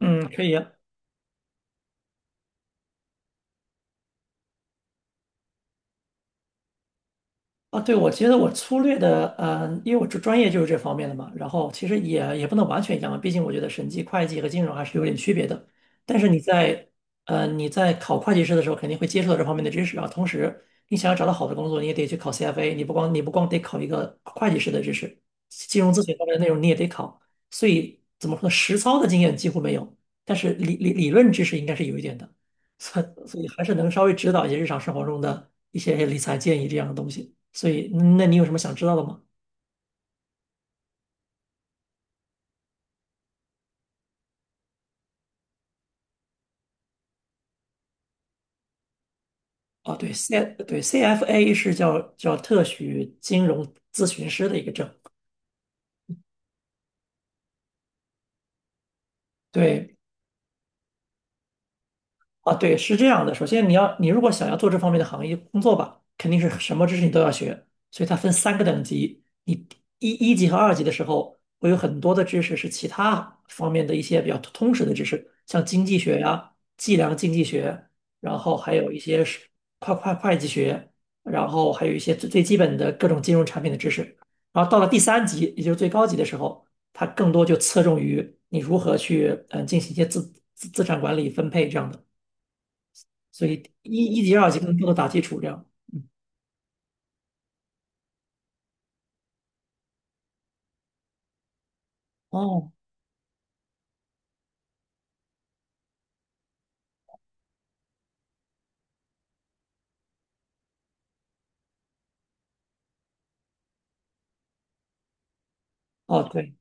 嗯，可以啊。啊对，我觉得我粗略的，因为我专业就是这方面的嘛，然后其实也不能完全一样嘛，毕竟我觉得审计、会计和金融还是有点区别的。但是你在考会计师的时候，肯定会接触到这方面的知识啊。同时，你想要找到好的工作，你也得去考 CFA，你不光得考一个会计师的知识，金融咨询方面的内容你也得考。所以怎么说呢，实操的经验几乎没有，但是理论知识应该是有一点的。所所以还是能稍微指导一些日常生活中的一些理财建议这样的东西。所以，那你有什么想知道的吗？哦，对，对 CFA 是叫特许金融咨询师的一个证，对，啊，对，是这样的。首先，你如果想要做这方面的行业工作吧，肯定是什么知识你都要学。所以它分三个等级，你一级和二级的时候，会有很多的知识是其他方面的一些比较通识的知识，像经济学呀、计量经济学，然后还有一些是会计学，然后还有一些最基本的各种金融产品的知识。然后到了第三级，也就是最高级的时候，它更多就侧重于你如何去进行一些资产管理分配这样的。所以一级、二级更多的打基础这样。嗯，哦哦，对，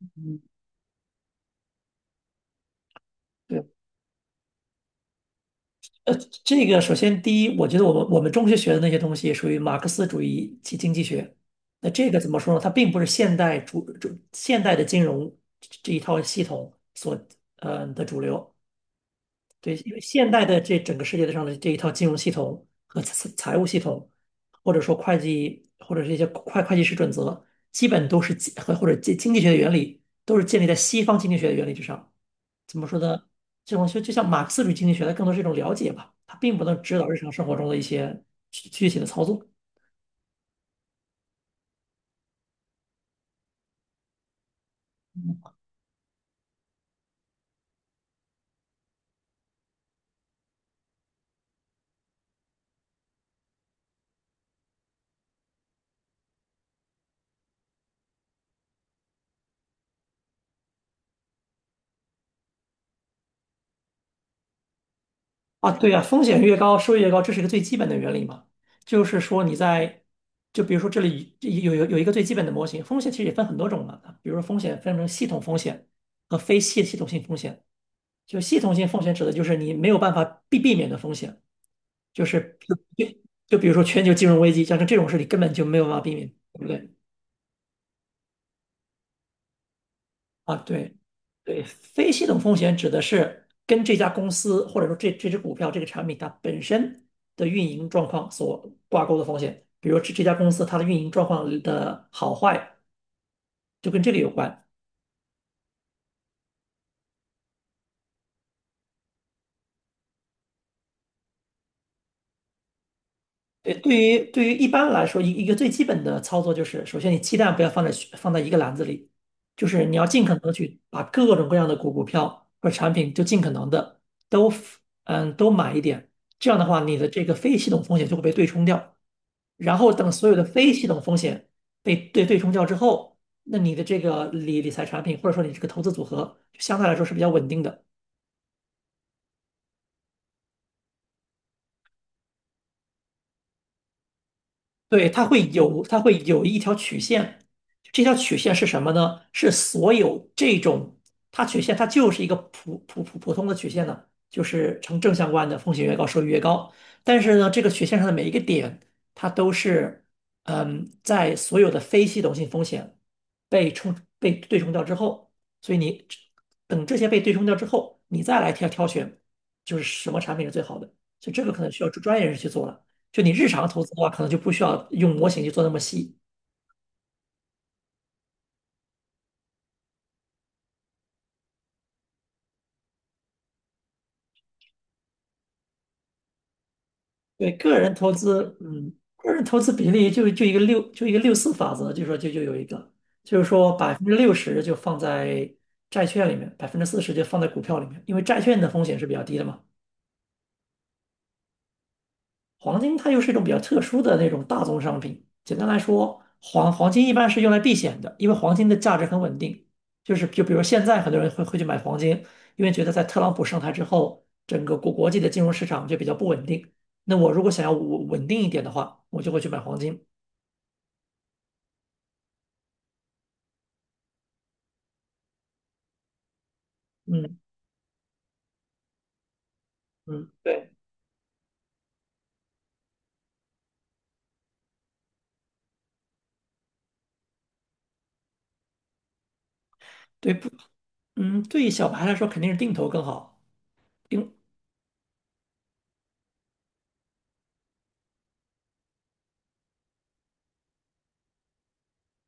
嗯对，呃，这个首先第一，我觉得我们中学学的那些东西属于马克思主义及经济学，那这个怎么说呢？它并不是现代的金融这一套系统所的主流，对，因为现代的这整个世界上的这一套金融系统和财务系统，或者说会计，或者是一些会计师准则，基本都是或者经济学的原理，都是建立在西方经济学的原理之上。怎么说呢？这种就像马克思主义经济学，它更多是一种了解吧，它并不能指导日常生活中的一些具体的操作。啊，对呀，风险越高，收益越高，这是一个最基本的原理嘛。就是说就比如说这里有一个最基本的模型，风险其实也分很多种嘛。比如说风险分成系统风险和非系统性风险。就系统性风险指的就是你没有办法避免的风险，就是就就就比如说全球金融危机，像这种事你根本就没有办法避免，对不对？啊，对，对，非系统风险指的是跟这家公司或者说这只股票这个产品它本身的运营状况所挂钩的风险，比如这家公司它的运营状况的好坏就跟这个有关。对，对于一般来说，一个最基本的操作就是，首先你鸡蛋不要放在一个篮子里，就是你要尽可能的去把各种各样的股票或者产品就尽可能的都都买一点，这样的话你的这个非系统风险就会被对冲掉。然后等所有的非系统风险被对冲掉之后，那你的这个理财产品或者说你这个投资组合，相对来说是比较稳定的。对，它会有一条曲线，这条曲线是什么呢？是所有这种，它曲线它就是一个普通的曲线呢，就是呈正相关的，风险越高收益越高。但是呢，这个曲线上的每一个点，它都是，在所有的非系统性风险被冲被对冲掉之后，所以你等这些被对冲掉之后，你再来挑选，就是什么产品是最好的，所以这个可能需要专业人士去做了。就你日常投资的话，可能就不需要用模型去做那么细。对，个人投资，个人投资比例就一个六，就一个六四法则，就说就就有一个，就是说60%就放在债券里面，40%就放在股票里面，因为债券的风险是比较低的嘛。黄金它又是一种比较特殊的那种大宗商品。简单来说，黄金一般是用来避险的，因为黄金的价值很稳定。就是就比如现在很多人会去买黄金，因为觉得在特朗普上台之后，整个国际的金融市场就比较不稳定。那我如果想要稳定一点的话，我就会去买黄金。嗯嗯，对对不，对于小白来说肯定是定投更好。定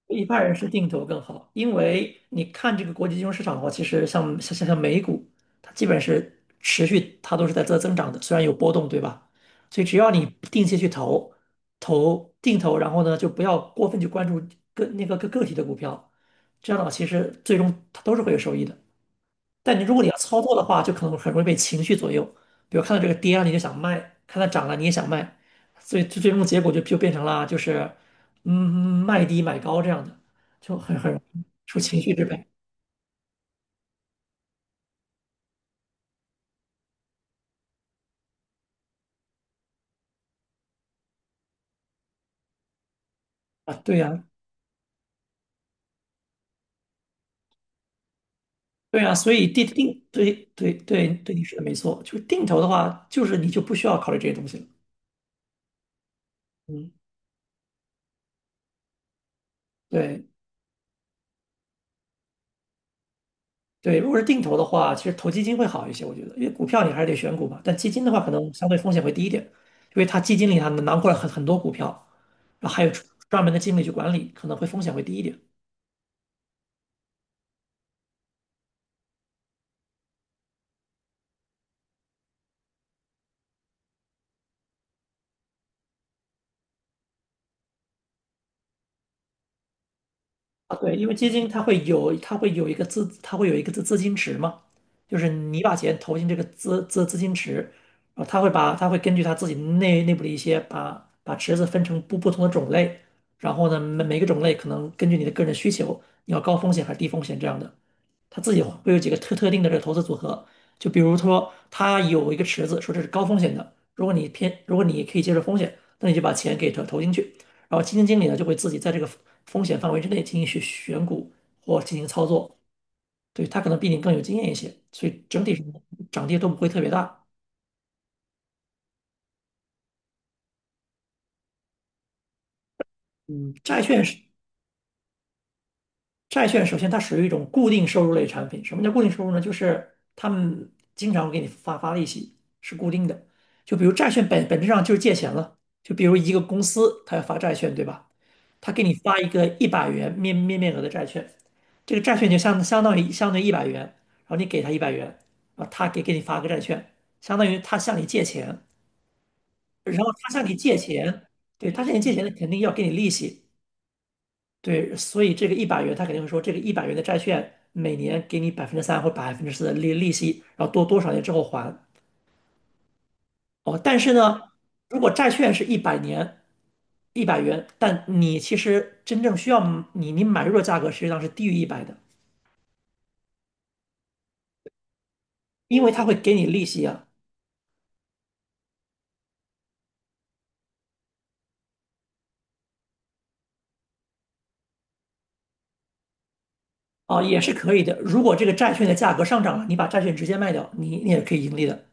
一般人是定投更好，因为你看这个国际金融市场的话，其实像美股，它基本是持续，它都是在增长的，虽然有波动，对吧？所以只要你定期去投，定投，然后呢，就不要过分去关注个那个个个体的股票，这样的话，其实最终它都是会有收益的。但你如果你要操作的话，就可能很容易被情绪左右。比如看到这个跌了，你就想卖；看到涨了，你也想卖。所以最终的结果就变成了就是，嗯，卖低买高这样的，就很容易受情绪支配啊。对呀，对呀，所以对对对对，你说的没错，就是定投的话，就是你就不需要考虑这些东西了。嗯，对。对，如果是定投的话，其实投基金会好一些，我觉得，因为股票你还是得选股嘛，但基金的话可能相对风险会低一点，因为它基金里它能囊括了很多股票，然后还有专门的经理去管理，可能会风险会低一点啊。对，因为基金它会有一个资金池嘛，就是你把钱投进这个资金池，然后它会根据它自己内部的一些把池子分成不同的种类，然后呢每个种类可能根据你的个人需求，你要高风险还是低风险这样的。他自己会有几个特定的这个投资组合，就比如说他有一个池子，说这是高风险的，如果你可以接受风险，那你就把钱给投进去，然后基金经理呢就会自己在这个风险范围之内进行选股或进行操作，对，他可能比你更有经验一些，所以整体上涨跌都不会特别大。嗯，债券首先它属于一种固定收入类产品。什么叫固定收入呢？就是他们经常会给你发利息，是固定的。就比如债券本质上就是借钱了。就比如一个公司，它要发债券，对吧？它给你发一个一百元面额的债券，这个债券就相当于一百元，然后你给他一百元，啊，他给你发个债券，相当于他向你借钱，然后他向你借钱，对，他向你借钱，他肯定要给你利息。对，所以这个一百元，他肯定会说，这个一百元的债券每年给你3%或百分之四的利息，然后多少年之后还。哦，但是呢，如果债券是100年，一百元，但你其实真正需要你买入的价格实际上是低于一百的，因为它会给你利息啊，哦，也是可以的。如果这个债券的价格上涨了，你把债券直接卖掉，你也可以盈利的。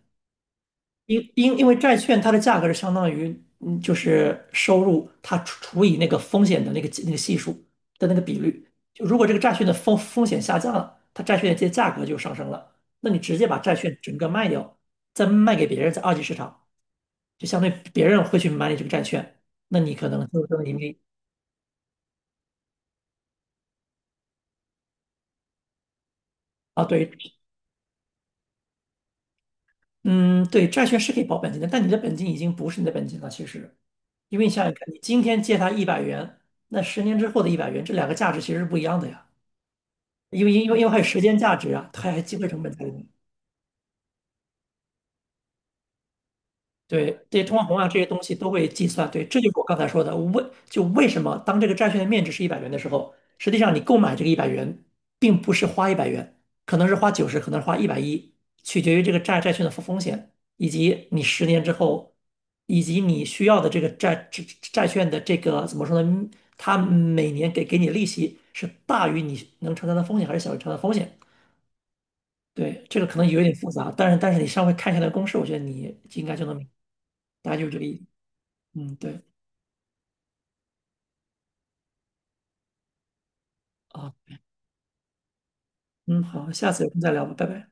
因为债券它的价格是相当于，就是收入它除以那个风险的那个系数的那个比率。就如果这个债券的风险下降了，它债券的这价格就上升了。那你直接把债券整个卖掉，再卖给别人，在二级市场，就相对别人会去买你这个债券，那你可能就能盈利啊。对，嗯，对，债券是可以保本金的，但你的本金已经不是你的本金了，其实，因为你想想看，你今天借他一百元，那十年之后的一百元，这两个价值其实是不一样的呀。因为还有时间价值啊，还有机会成本在里面。对这些通货膨胀这些东西都会计算。对，这就是我刚才说的，为什么当这个债券的面值是一百元的时候，实际上你购买这个一百元，并不是花一百元，可能是花90，可能是花110，取决于这个债券的风险，以及你十年之后，以及你需要的这个债券的这个怎么说呢？它每年给你利息是大于你能承担的风险，还是小于承担的风险？对，这个可能有一点复杂，但是你稍微看一下那个公式，我觉得你应该就能明白，大家就这个意思。嗯，对，啊，嗯，好，下次有空再聊吧，拜拜。